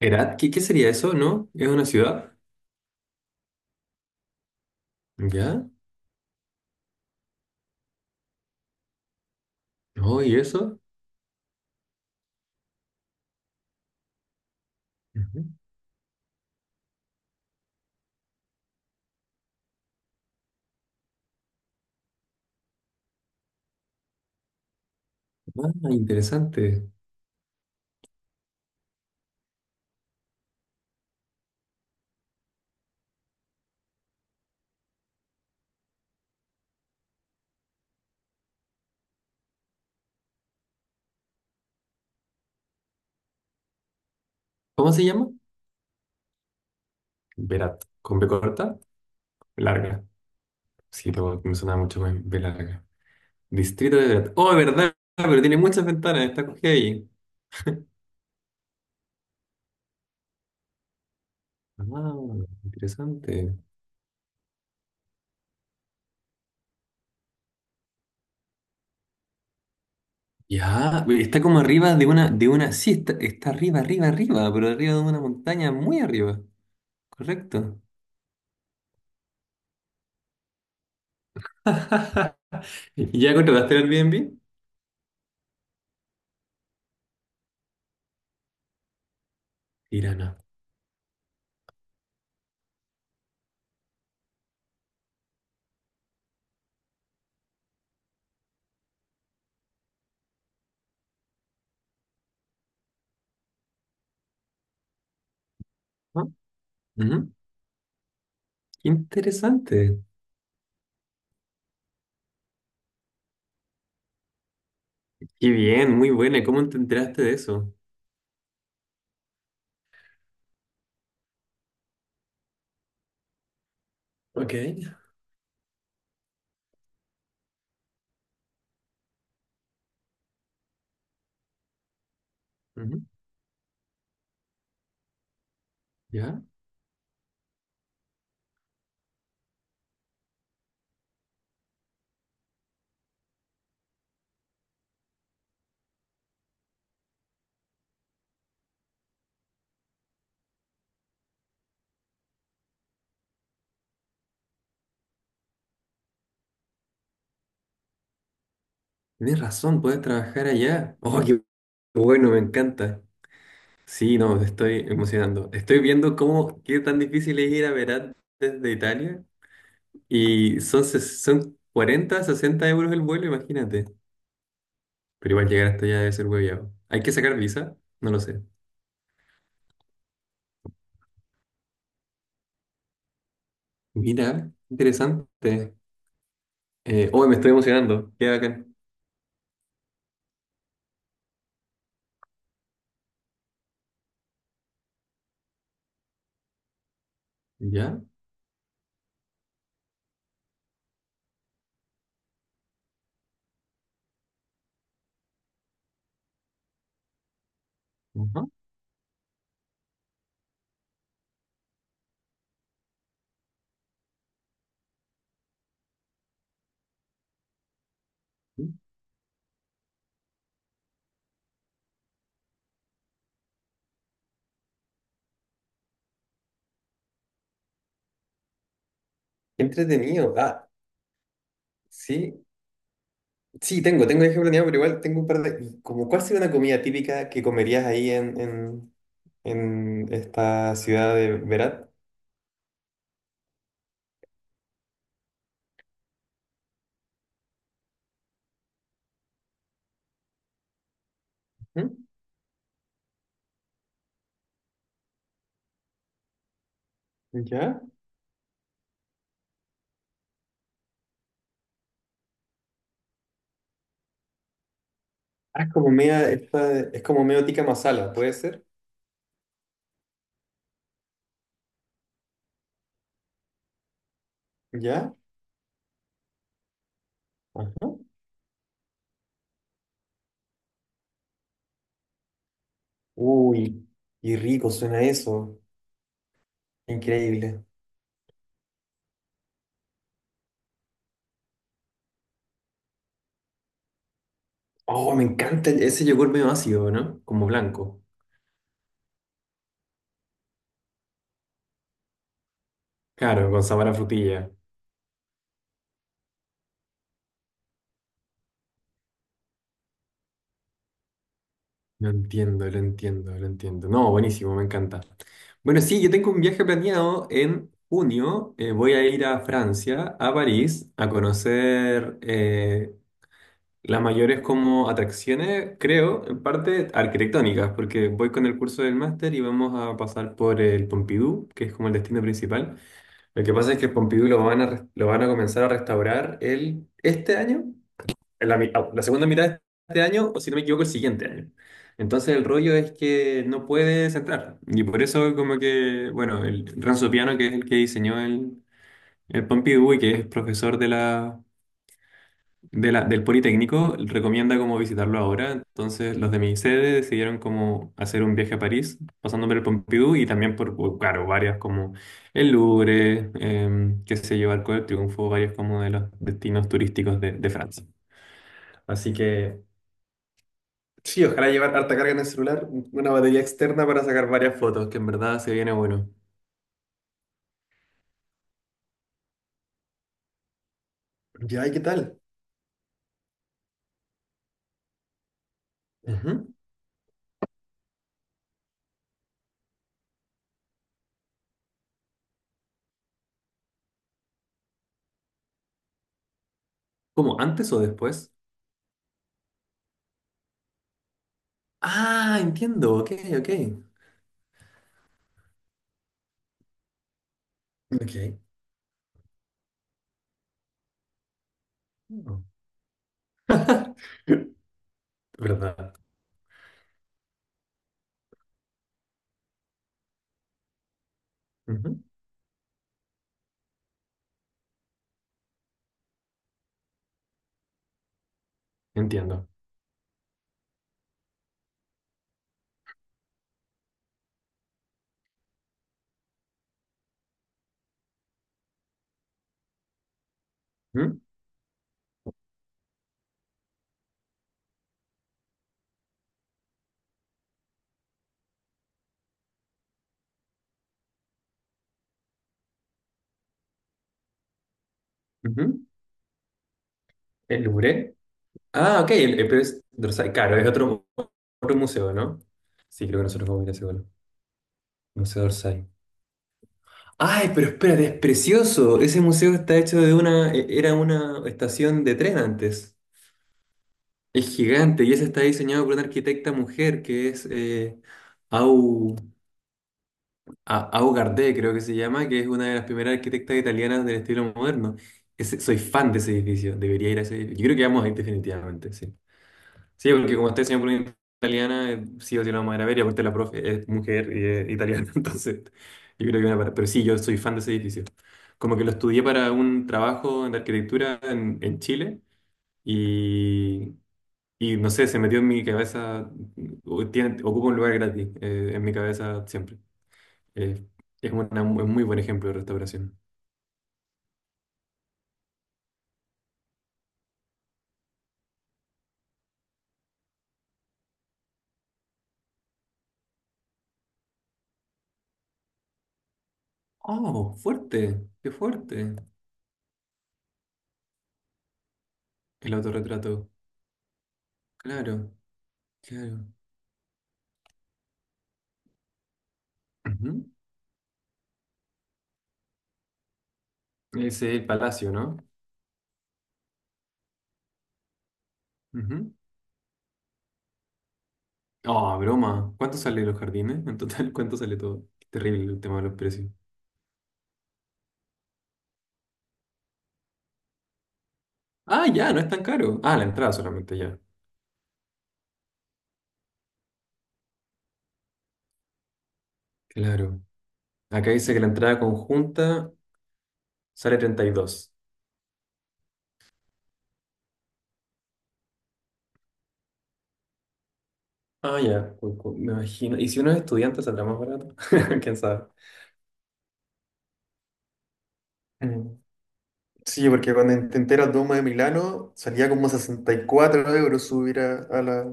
Herat, ¿qué sería eso, ¿no? ¿Es una ciudad? ¿Ya? ¿No? ¿Y eso? Ujú. Ah, interesante. ¿Cómo se llama? Berat. ¿Con B corta? Larga. Sí, me suena mucho más B larga. Distrito de Berat. Oh, verdad, pero tiene muchas ventanas, está cogida ahí. Ah, interesante. Ya, está como arriba de una, sí, está arriba, arriba, arriba, pero arriba de una montaña muy arriba. Correcto. ¿Ya contrataste el Airbnb? Tirana. ¿No? Ujú. Qué interesante. Qué bien, muy buena. ¿Cómo te enteraste de eso? Ok. Ujú, ¿ya? Tienes razón, puedes trabajar allá. Oh, qué bueno, me encanta. Sí, no, me estoy emocionando. Estoy viendo cómo, qué tan difícil es ir a Verán desde Italia. Y son, son 40, 60 euros el vuelo, imagínate. Pero igual llegar hasta allá debe ser hueviado. ¿Hay que sacar visa? No lo sé. Mira, interesante. Oh, me estoy emocionando. Qué bacán. ¿Ya? Ujú. Qué entretenido. Ah, sí, sí, tengo viaje planeado, pero igual tengo un par de. Y como, ¿cuál sería una comida típica que comerías ahí en esta ciudad de Berat? ¿Mm? ¿Ya? Ah, es como media, esta, es como medio tikka masala, ¿puede ser? ¿Ya? Ajá. Uy, y rico suena eso. Increíble. Oh, me encanta ese yogur medio ácido, ¿no? Como blanco. Claro, con sabor a frutilla. Lo entiendo, lo entiendo, lo entiendo. No, buenísimo, me encanta. Bueno, sí, yo tengo un viaje planeado en junio. Voy a ir a Francia, a París, a conocer las mayores como atracciones, creo, en parte arquitectónicas, porque voy con el curso del máster y vamos a pasar por el Pompidou, que es como el destino principal. Lo que pasa es que el Pompidou lo van a comenzar a restaurar el, este año en la segunda mitad de este año, o si no me equivoco, el siguiente año. Entonces el rollo es que no puedes entrar. Y por eso como que, bueno, el Renzo Piano, que es el que diseñó el Pompidou y que es profesor de la, del Politécnico, recomienda como visitarlo ahora. Entonces los de mi sede decidieron como hacer un viaje a París, pasando por el Pompidou y también claro, varias como el Louvre, qué sé yo, Arco del Triunfo, varios como de los destinos turísticos de Francia. Así que sí, ojalá llevar harta carga en el celular, una batería externa para sacar varias fotos, que en verdad se viene bueno. Ya, ¿y qué tal? Ujú. ¿Cómo? ¿Antes o después? Ah, entiendo, ok, ok. Ok. Oh. ¿Verdad? Ujú. Entiendo. Ujú, ujú. ¿El Louvre? Ah, ok, pero es Dorsay. Claro, es otro museo, ¿no? Sí, creo que nosotros vamos a ir a ese bueno. Museo Dorsay. Ay, pero espérate, es precioso. Ese museo está hecho de una, era una estación de tren antes. Es gigante y ese está diseñado por una arquitecta mujer que es Au, Au Gardé, creo que se llama, que es una de las primeras arquitectas italianas del estilo moderno. Soy fan de ese edificio, debería ir a ese edificio. Yo creo que vamos a ir definitivamente, sí. Sí, porque como está diseñado por una italiana, sí o sí lo vamos a ir a ver y aparte la profe es mujer y es italiana, entonces yo creo que van a parar. Pero sí, yo soy fan de ese edificio. Como que lo estudié para un trabajo de arquitectura en Chile. Y, y no sé, se metió en mi cabeza, ocupa un lugar gratis en mi cabeza siempre. Eh, es un muy buen ejemplo de restauración. ¡Oh, fuerte! ¡Qué fuerte! El autorretrato. Claro, claro. Ujú. Ese es el palacio, ¿no? Ujú. ¡Oh, broma! ¿Cuánto sale los jardines? En total, ¿cuánto sale todo? Qué terrible el tema de los precios. Ah, ya, no es tan caro. Ah, la entrada solamente ya. Claro. Acá dice que la entrada conjunta sale 32. Ah, ya, me imagino. ¿Y si uno es estudiante saldrá más barato? ¿Quién sabe? Mm. Sí, porque cuando intenté la Doma de Milano salía como 64 euros subir a la.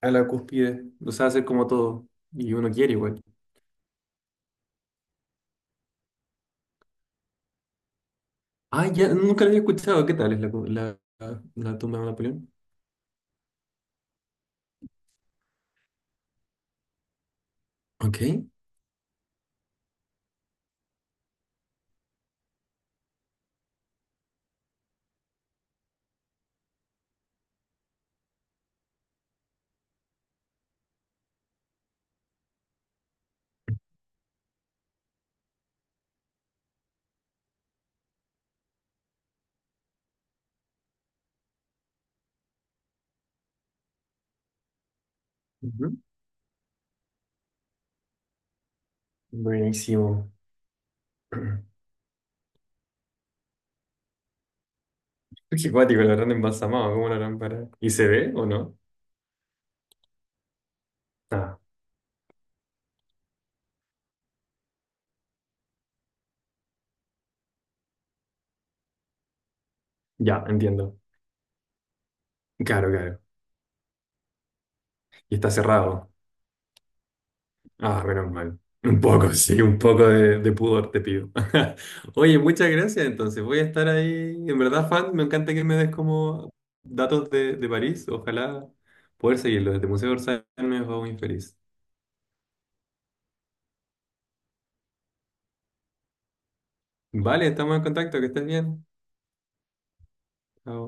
A la cúspide, o sea, hacer como todo. Y uno quiere igual. Ah, ya, nunca lo había escuchado. ¿Qué tal es la, cu- la tumba de Napoleón? Ok. Ujú. Buenísimo. Qué cuático, la habrán embalsamado, ¿cómo la harán para? ¿Y se ve o no? Ah, ya, entiendo. Claro, claro. Y está cerrado. Ah, menos mal. Un poco, sí, un poco de pudor te pido. Oye, muchas gracias. Entonces, voy a estar ahí. En verdad, fan, me encanta que me des como datos de París. Ojalá poder seguirlo. Desde Museo de Orsay me hago muy feliz. Vale, estamos en contacto. Que estés bien. Chao.